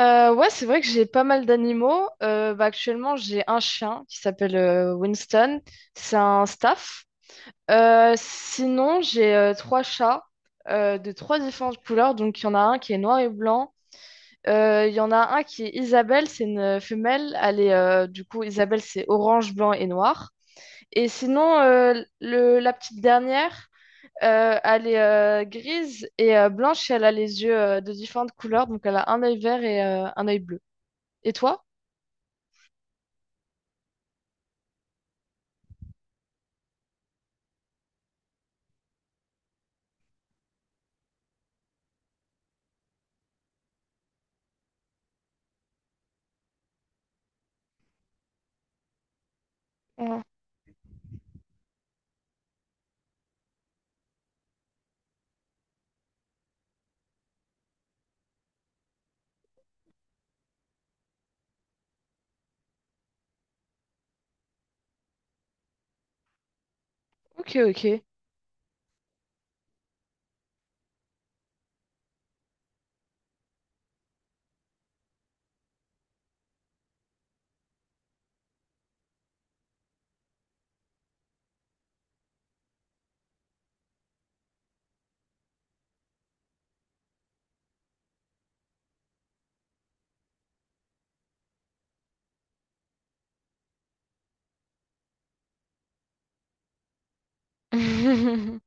Ouais, c'est vrai que j'ai pas mal d'animaux. Bah, actuellement, j'ai un chien qui s'appelle Winston. C'est un staff. Sinon, j'ai trois chats de trois différentes couleurs. Donc, il y en a un qui est noir et blanc. Il y en a un qui est Isabelle, c'est une femelle. Elle est, du coup, Isabelle, c'est orange, blanc et noir. Et sinon, la petite dernière, elle est grise et blanche et elle a les yeux de différentes couleurs. Donc, elle a un œil vert et un œil bleu. Et toi? Ouais. Ok, ok.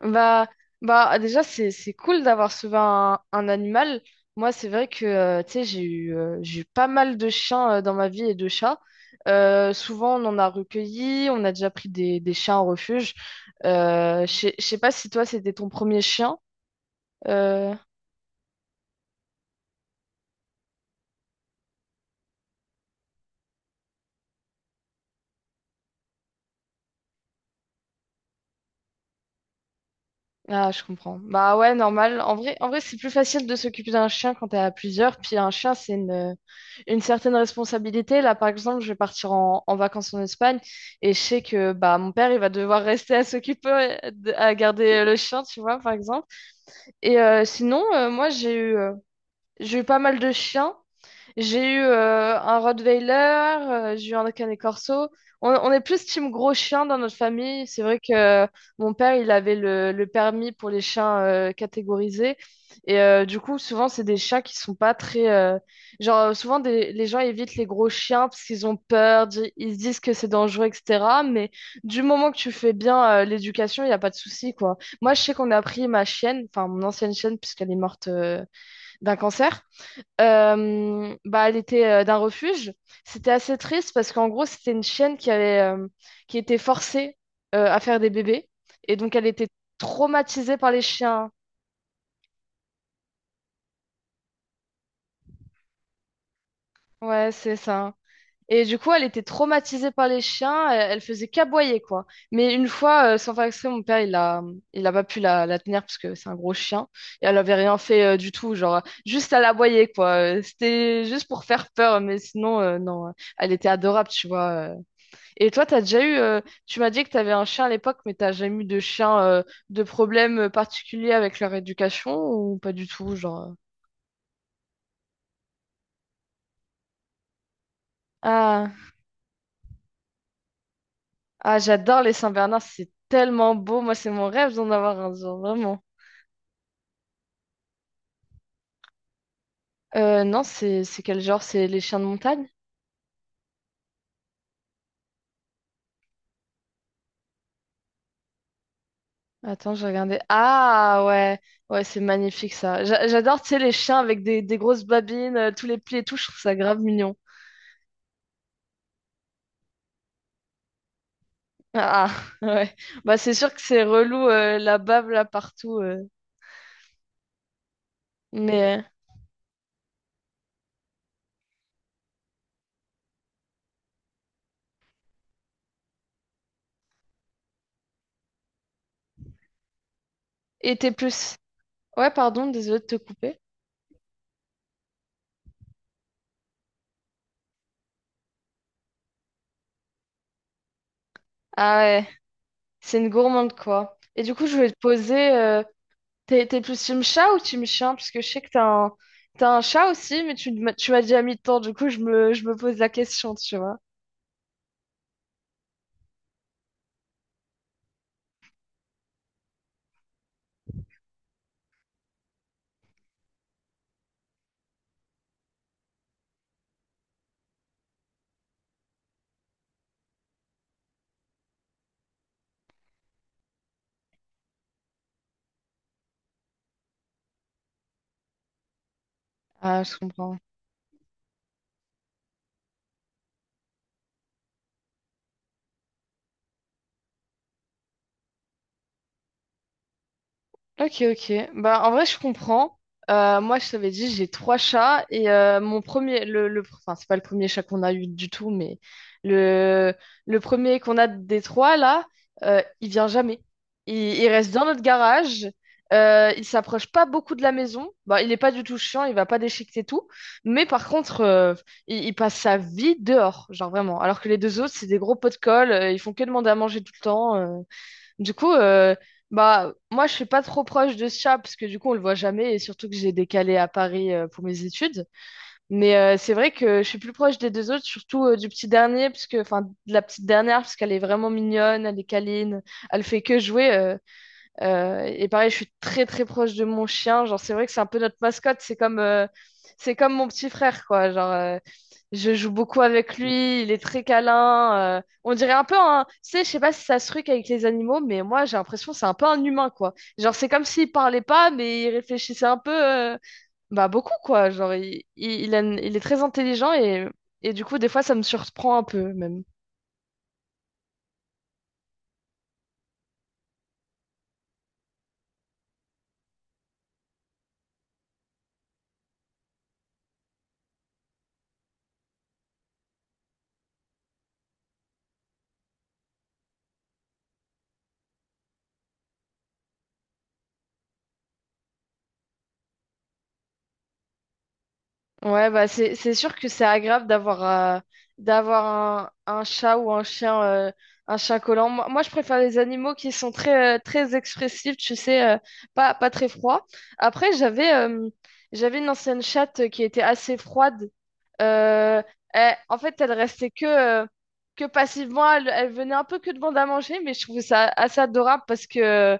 Bah, bah, déjà, c'est cool d'avoir sauvé un animal. Moi, c'est vrai que, tu sais, j'ai eu pas mal de chiens, dans ma vie et de chats. Souvent, on en a recueilli, on a déjà pris des chiens en refuge. Je sais pas si toi, c'était ton premier chien. euh, Ah, je comprends. Bah, ouais, normal. En vrai, c'est plus facile de s'occuper d'un chien quand t'es à plusieurs. Puis un chien, c'est une certaine responsabilité. Là, par exemple, je vais partir en vacances en Espagne et je sais que bah mon père, il va devoir rester à s'occuper, à garder le chien, tu vois, par exemple. Et sinon, moi, j'ai eu pas mal de chiens. J'ai eu un Rottweiler. J'ai eu un Canet Corso. On est plus team gros chien dans notre famille. C'est vrai que mon père, il avait le permis pour les chiens catégorisés. Et du coup, souvent, c'est des chats qui sont pas très... Genre, souvent, les gens évitent les gros chiens parce qu'ils ont peur, ils se disent que c'est dangereux, etc. Mais du moment que tu fais bien l'éducation, il n'y a pas de souci, quoi. Moi, je sais qu'on a pris ma chienne, enfin mon ancienne chienne, puisqu'elle est morte d'un cancer. Bah, elle était d'un refuge. C'était assez triste parce qu'en gros, c'était une chienne qui était forcée à faire des bébés. Et donc, elle était traumatisée par les chiens. Ouais, c'est ça. Et du coup, elle était traumatisée par les chiens. Elle faisait qu'aboyer, quoi. Mais une fois, sans faire exprès, mon père, il a pas pu la tenir parce que c'est un gros chien. Et elle avait rien fait du tout. Genre, juste à l'aboyer, quoi. C'était juste pour faire peur. Mais sinon, non. Elle était adorable, tu vois. Et toi, tu m'as dit que t'avais un chien à l'époque, mais t'as jamais eu de problème particulier avec leur éducation ou pas du tout, genre. Ah, ah, j'adore les Saint-Bernard, c'est tellement beau. Moi, c'est mon rêve d'en avoir un, genre vraiment. Non, c'est quel genre? C'est les chiens de montagne? Attends, je regardais. Ah, ouais, ouais, c'est magnifique ça. J'adore, tu sais, les chiens avec des grosses babines, tous les plis et tout, je trouve ça grave mignon. Ah, ouais, bah c'est sûr que c'est relou la bave là partout. Mais euh, Et t'es plus... Ouais, pardon, désolée de te couper. Ah, ouais, c'est une gourmande, quoi. Et du coup, je voulais te poser... t'es plus team chat ou team chien? Parce que je sais que t'as un chat aussi, mais tu m'as déjà mis de temps. Du coup, je me pose la question, tu vois. Ah, je comprends. Ok, ok. Bah, en vrai, je comprends. Moi, je t'avais dit, j'ai trois chats et mon premier, enfin, c'est pas le premier chat qu'on a eu du tout, mais le, le premier qu'on a des trois là, il vient jamais. Il reste dans notre garage. Il s'approche pas beaucoup de la maison. Bah, il est pas du tout chiant, il va pas déchiqueter tout. Mais par contre, il passe sa vie dehors, genre vraiment. Alors que les deux autres, c'est des gros pots de colle, ils font que demander à manger tout le temps. Du coup, bah, moi, je suis pas trop proche de ce chat parce que du coup, on le voit jamais et surtout que j'ai décalé à Paris pour mes études. Mais c'est vrai que je suis plus proche des deux autres, surtout du petit dernier, parce que, enfin, de la petite dernière, parce qu'elle est vraiment mignonne, elle est câline, elle fait que jouer. Et pareil, je suis très très proche de mon chien. Genre, c'est vrai que c'est un peu notre mascotte. C'est comme mon petit frère, quoi. Genre, je joue beaucoup avec lui. Il est très câlin. On dirait un peu un. Tu sais, je sais pas si ça se truc avec les animaux, mais moi, j'ai l'impression que c'est un peu un humain, quoi. Genre, c'est comme s'il parlait pas, mais il réfléchissait un peu, bah, beaucoup, quoi. Genre, il a il est très intelligent et du coup, des fois, ça me surprend un peu, même. Ouais, bah c'est sûr que c'est agréable euh, d'avoir un chat ou un chien collant. Moi, je préfère les animaux qui sont très expressifs, tu sais, pas très froids. Après, j'avais une ancienne chatte qui était assez froide. Euh, En fait, elle restait que passivement. Elle venait un peu que demander à manger, mais je trouvais ça assez adorable parce que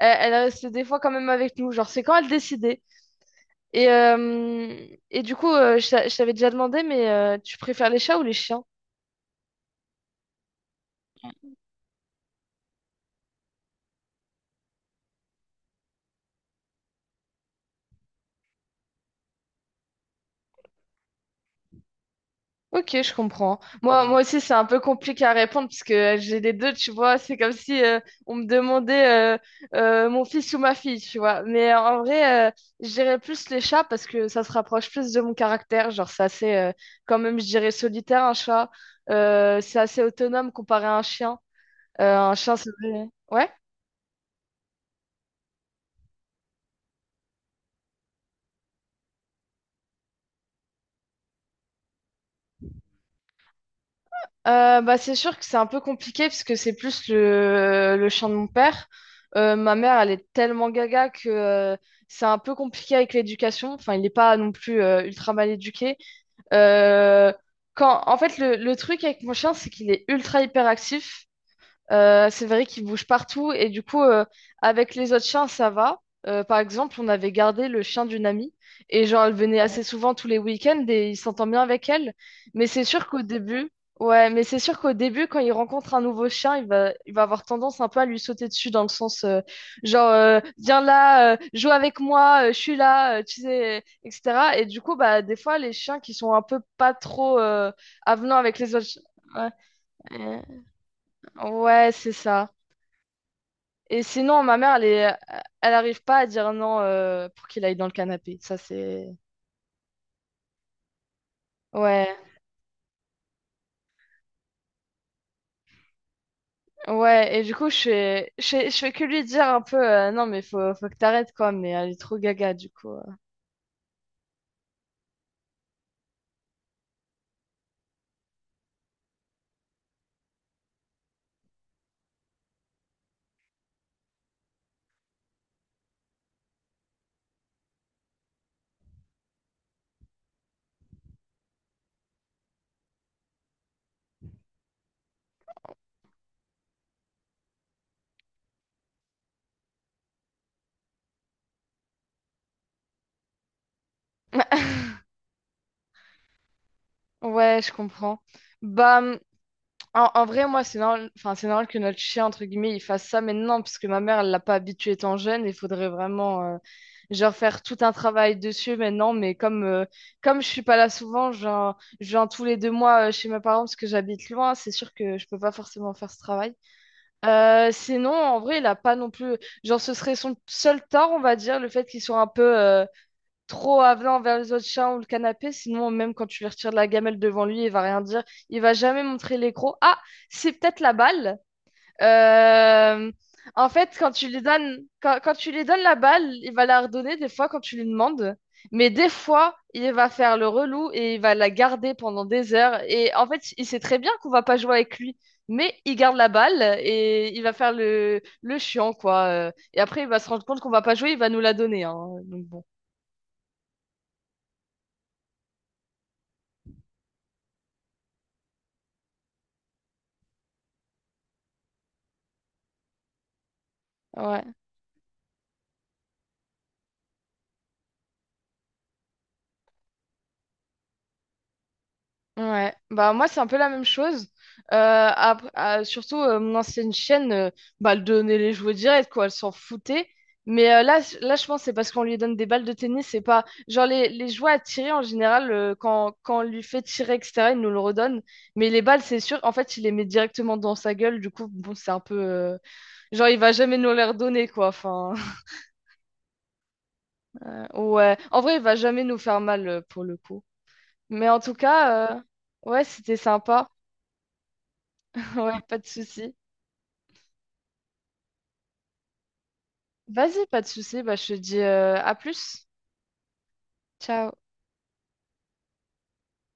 elle restait des fois quand même avec nous. Genre, c'est quand elle décidait. Et, euh, et du coup, je t'avais déjà demandé, mais tu préfères les chats ou les chiens? Ok, je comprends. Moi aussi, c'est un peu compliqué à répondre parce que j'ai les deux, tu vois. C'est comme si on me demandait mon fils ou ma fille, tu vois. Mais en vrai, je dirais plus les chats parce que ça se rapproche plus de mon caractère. Genre, c'est assez, quand même, je dirais solitaire, un chat. C'est assez autonome comparé à un chien. Un chien, c'est... Ouais? Bah, c'est sûr que c'est un peu compliqué parce que c'est plus le chien de mon père. Ma mère, elle est tellement gaga que c'est un peu compliqué avec l'éducation. Enfin, il n'est pas non plus ultra mal éduqué. Euh, En fait, le truc avec mon chien, c'est qu'il est ultra hyperactif. C'est vrai qu'il bouge partout et du coup, avec les autres chiens, ça va. Par exemple, on avait gardé le chien d'une amie et genre, elle venait assez souvent tous les week-ends et il s'entend bien avec elle. Mais c'est sûr qu'au début, ouais, mais c'est sûr qu'au début, quand il rencontre un nouveau chien, il va avoir tendance un peu à lui sauter dessus dans le sens genre, viens là, joue avec moi, je suis là, tu sais, etc. Et du coup, bah, des fois, les chiens qui sont un peu pas trop avenants avec les autres. Ouais, euh, ouais, c'est ça. Et sinon, ma mère, elle est... elle arrive pas à dire non pour qu'il aille dans le canapé. Ça, c'est... Ouais, ouais. Et du coup, je fais que lui dire un peu non, mais faut que t'arrêtes, quoi. Mais elle est trop gaga, du coup. Ouais, je comprends. Bah, en vrai, moi, c'est normal, enfin, c'est normal que notre chien, entre guillemets, il fasse ça maintenant, puisque ma mère, elle l'a pas habitué étant jeune. Il faudrait vraiment, genre, faire tout un travail dessus maintenant. Mais comme je suis pas là souvent, genre, je viens tous les 2 mois chez mes parents parce que j'habite loin, c'est sûr que je peux pas forcément faire ce travail. Sinon, en vrai, il a pas non plus, genre, ce serait son seul tort, on va dire, le fait qu'il soit un peu, trop avenant vers les autres chiens ou le canapé, sinon même quand tu lui retires de la gamelle devant lui, il va rien dire, il va jamais montrer les crocs. Ah, c'est peut-être la balle. Euh, En fait, quand tu lui donnes la balle, il va la redonner des fois quand tu lui demandes. Mais des fois, il va faire le relou et il va la garder pendant des heures. Et en fait, il sait très bien qu'on va pas jouer avec lui, mais il garde la balle et il va faire le chiant, quoi. Et après, il va se rendre compte qu'on va pas jouer, il va nous la donner, hein. Donc bon, ouais. Ouais, bah moi c'est un peu la même chose. Euh, Surtout mon ancienne chaîne, bah elle donnait les jouets directs quoi, elle s'en foutait. Mais là, là je pense que c'est parce qu'on lui donne des balles de tennis, c'est pas genre les jouets à tirer en général quand on lui fait tirer, etc., il nous le redonne. Mais les balles c'est sûr, en fait il les met directement dans sa gueule, du coup bon c'est un peu genre il va jamais nous les redonner quoi. Enfin ouais, en vrai il va jamais nous faire mal pour le coup. Mais en tout cas ouais, c'était sympa. Ouais, pas de souci. Vas-y, pas de souci. Bah, je te dis à plus. Ciao.